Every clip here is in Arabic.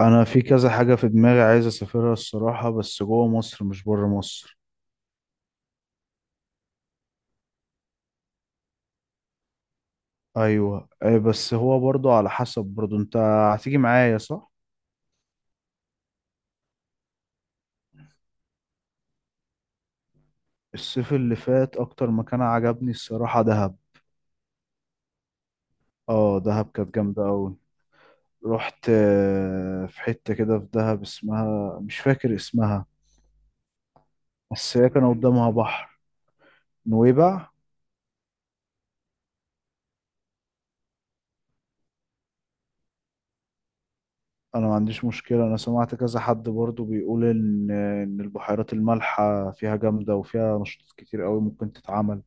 انا في كذا حاجة في دماغي عايز اسافرها الصراحة، بس جوه مصر مش بره مصر. ايوه أي، بس هو برضو على حسب، برضو انت هتيجي معايا صح. الصيف اللي فات اكتر مكان عجبني الصراحة دهب. اه، دهب كانت جامدة اوي. رحت في حتة كده في دهب اسمها، مش فاكر اسمها. بس هي كان قدامها بحر. نويبع. انا ما عنديش مشكلة، انا سمعت كذا حد برضو بيقول ان البحيرات المالحة فيها جامدة وفيها نشاطات كتير قوي ممكن تتعمل.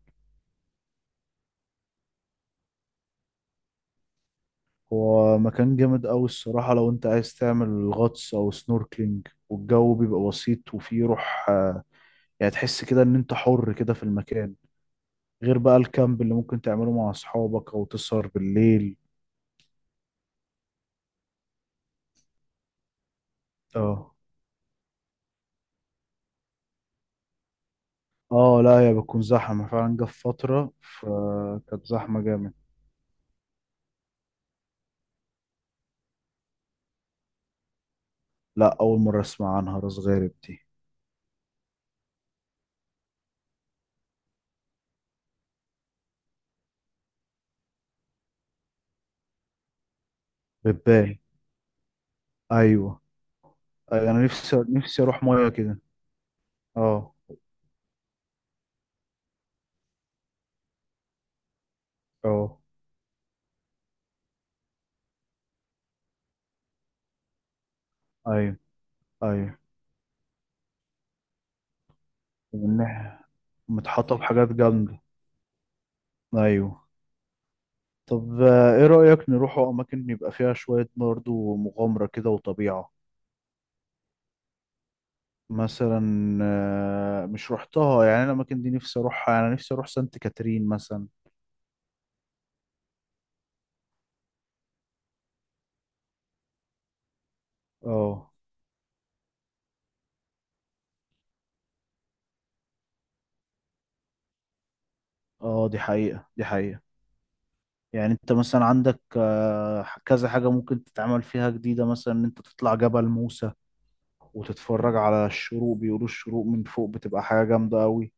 هو مكان جامد أوي الصراحة، لو أنت عايز تعمل غطس أو سنوركلينج والجو بيبقى بسيط وفيه روح. يعني تحس كده إن أنت حر كده في المكان، غير بقى الكامب اللي ممكن تعمله مع أصحابك أو تسهر بالليل. اه. اه، لا هي بتكون زحمة فعلا، جه في فترة فكانت زحمة جامد. لا، أول مرة أسمع عنها راس غارب دي. بتبان. أيوة. أيوة، أنا نفسي نفسي أروح مية كده. اه. اه. أيوة. أيوة. ومن ناحية. متحطة بحاجات جامدة. أيوة. طب، ايه رأيك نروحوا اماكن يبقى فيها شوية برضه مغامرة كده وطبيعة؟ مثلا مش روحتها يعني، أنا الاماكن دي نفسي اروحها، يعني انا نفسي اروح سانت كاترين مثلا. اه. اه، دي حقيقة دي حقيقة. يعني انت مثلا عندك كذا حاجة ممكن تتعمل فيها جديدة، مثلا ان انت تطلع جبل موسى وتتفرج على الشروق، بيقولوا الشروق من فوق بتبقى حاجة جامدة قوي.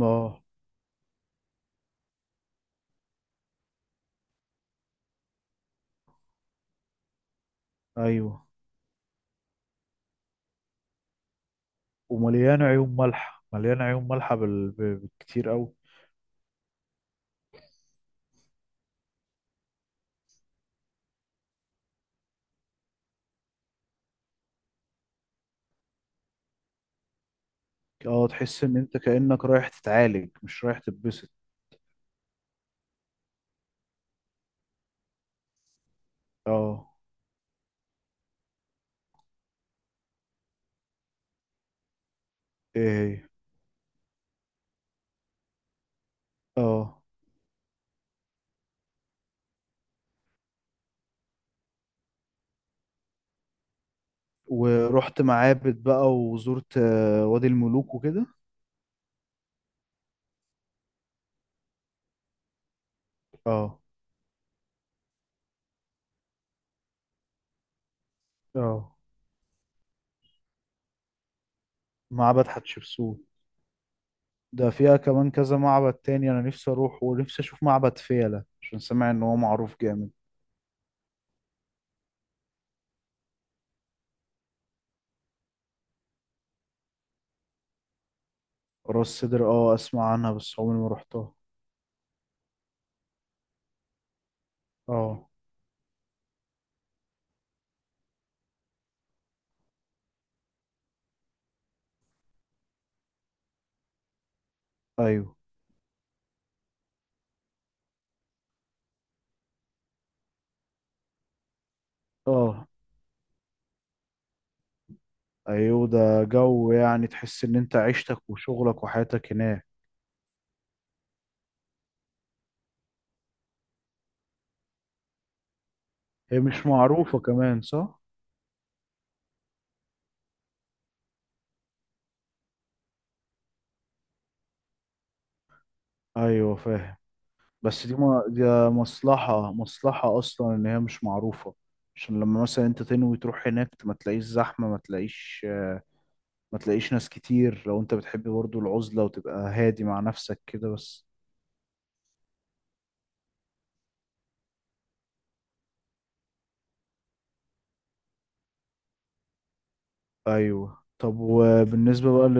اه. ايوه، ومليان عيون مالحة، مليان عيون مالحة بالكتير أوي. اه، تحس ان انت كأنك رايح تتعالج مش رايح تتبسط. اه. ايه. هي. اه، ورحت معابد بقى وزرت وادي الملوك وكده. اه. اه، معبد حتشبسوت ده فيها كمان كذا معبد تاني، انا نفسي اروح ونفسي اشوف معبد فيلة عشان سامع ان هو معروف جامد. راس سدر، اه، اسمع عنها بس عمري ما رحتها. اه. ايوه. اه، ايوه، ده جو، يعني تحس ان انت عيشتك وشغلك وحياتك هناك. هي مش معروفة كمان صح؟ ايوه، فاهم. بس دي، ما دي مصلحة، مصلحة اصلا ان هي مش معروفة، عشان لما مثلا انت تنوي تروح هناك ما تلاقيش زحمة، ما تلاقيش ناس كتير، لو انت بتحب برضو العزلة وتبقى هادي مع نفسك كده بس. ايوه، طب وبالنسبة بقى ل-،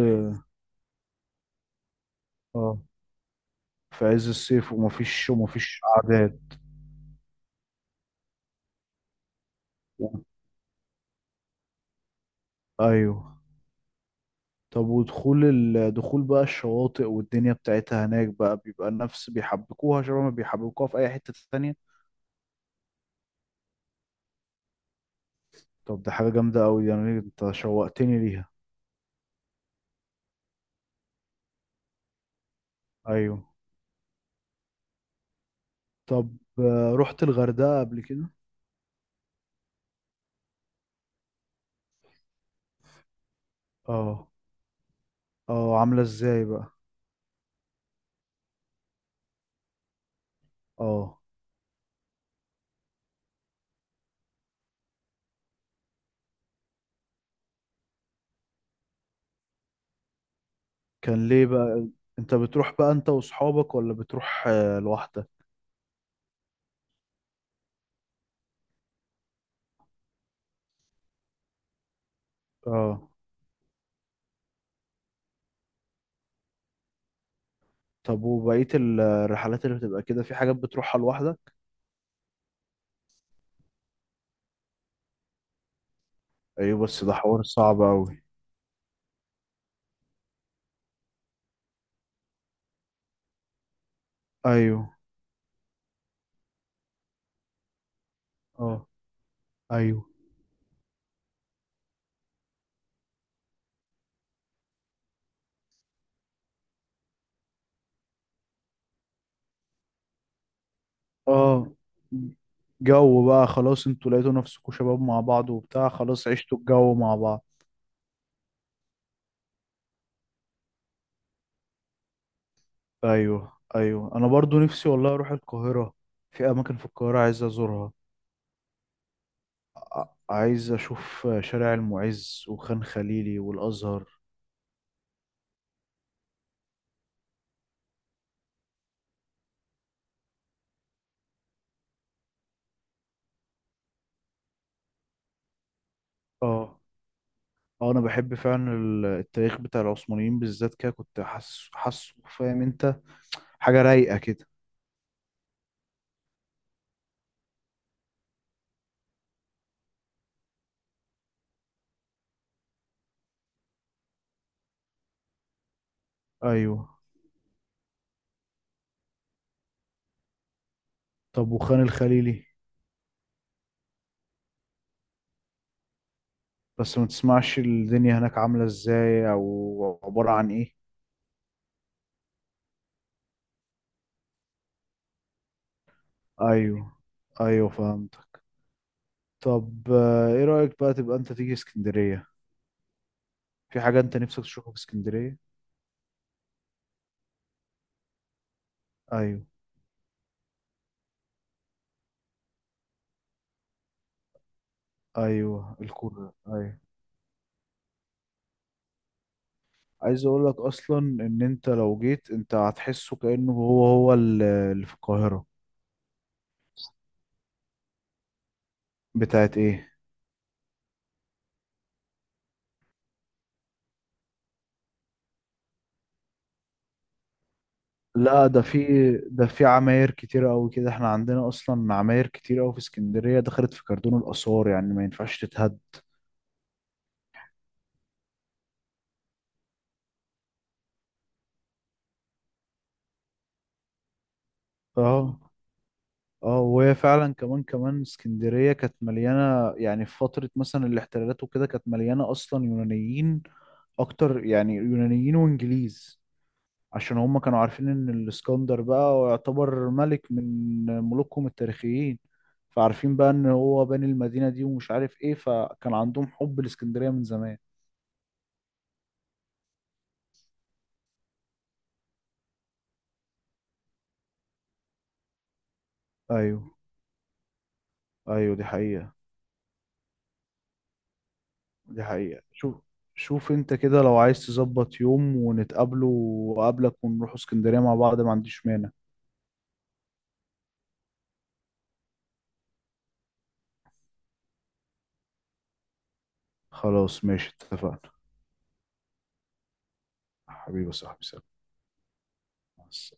اه، في عز الصيف ومفيش اعداد. ايوه، طب ودخول ال... دخول بقى الشواطئ والدنيا بتاعتها هناك بقى، بيبقى نفس بيحبكوها شبه ما بيحبكوها في اي حتة تانية؟ طب ده حاجة جامدة أوي دي، يعني أنت شوقتني ليها. أيوه، طب رحت الغردقة قبل كده؟ اه. اه، عاملة ازاي بقى؟ اه. كان ليه بقى؟ أنت بتروح بقى أنت وأصحابك ولا بتروح لوحدك؟ اه. طب وبقية الرحلات اللي بتبقى كده، في حاجات بتروحها لوحدك؟ أيوه، بس ده حوار صعب أوي. أيوه. اه. أيوه. اه، جو بقى، خلاص انتوا لقيتوا نفسكوا شباب مع بعض وبتاع، خلاص عشتوا الجو مع بعض. ايوه، ايوه، انا برضو نفسي والله اروح القاهره. في اماكن في القاهره عايز ازورها. عايز اشوف شارع المعز وخان خليلي والازهر. اه. اه، انا بحب فعلا التاريخ بتاع العثمانيين بالذات كده، كنت حاسه حاسه، فاهم انت؟ حاجه رايقه كده. ايوه، طب وخان الخليلي؟ بس ما تسمعش الدنيا هناك عامله ازاي او عباره عن ايه؟ ايوه، ايوه، فهمتك. طب ايه رايك بقى تبقى انت تيجي اسكندريه؟ في حاجة انت نفسك تشوفها في اسكندرية؟ ايوه، ايوه، الكورة، ايوه. عايز اقول لك اصلا ان انت لو جيت انت هتحسه كأنه هو هو اللي في القاهرة. بتاعت ايه؟ لا، ده في عماير كتيرة قوي كده، احنا عندنا اصلا عماير كتير قوي في اسكندرية دخلت في كردون الآثار، يعني ما ينفعش تتهد. اه. اه، وهي فعلا كمان كمان اسكندرية كانت مليانة، يعني في فترة مثلا الاحتلالات وكده كانت مليانة اصلا يونانيين، اكتر يعني يونانيين وانجليز، عشان هم كانوا عارفين ان الاسكندر بقى هو يعتبر ملك من ملوكهم التاريخيين، فعارفين بقى ان هو باني المدينة دي ومش عارف ايه، فكان عندهم حب الاسكندرية من زمان. ايوه، ايوه، دي حقيقة، دي حقيقة. شوف، شوف انت كده، لو عايز تظبط يوم ونتقابله وقابلك ونروح اسكندرية مع بعض، ما عنديش مانع. خلاص ماشي اتفقنا. حبيبي يا صاحبي سلام. مع السلامة.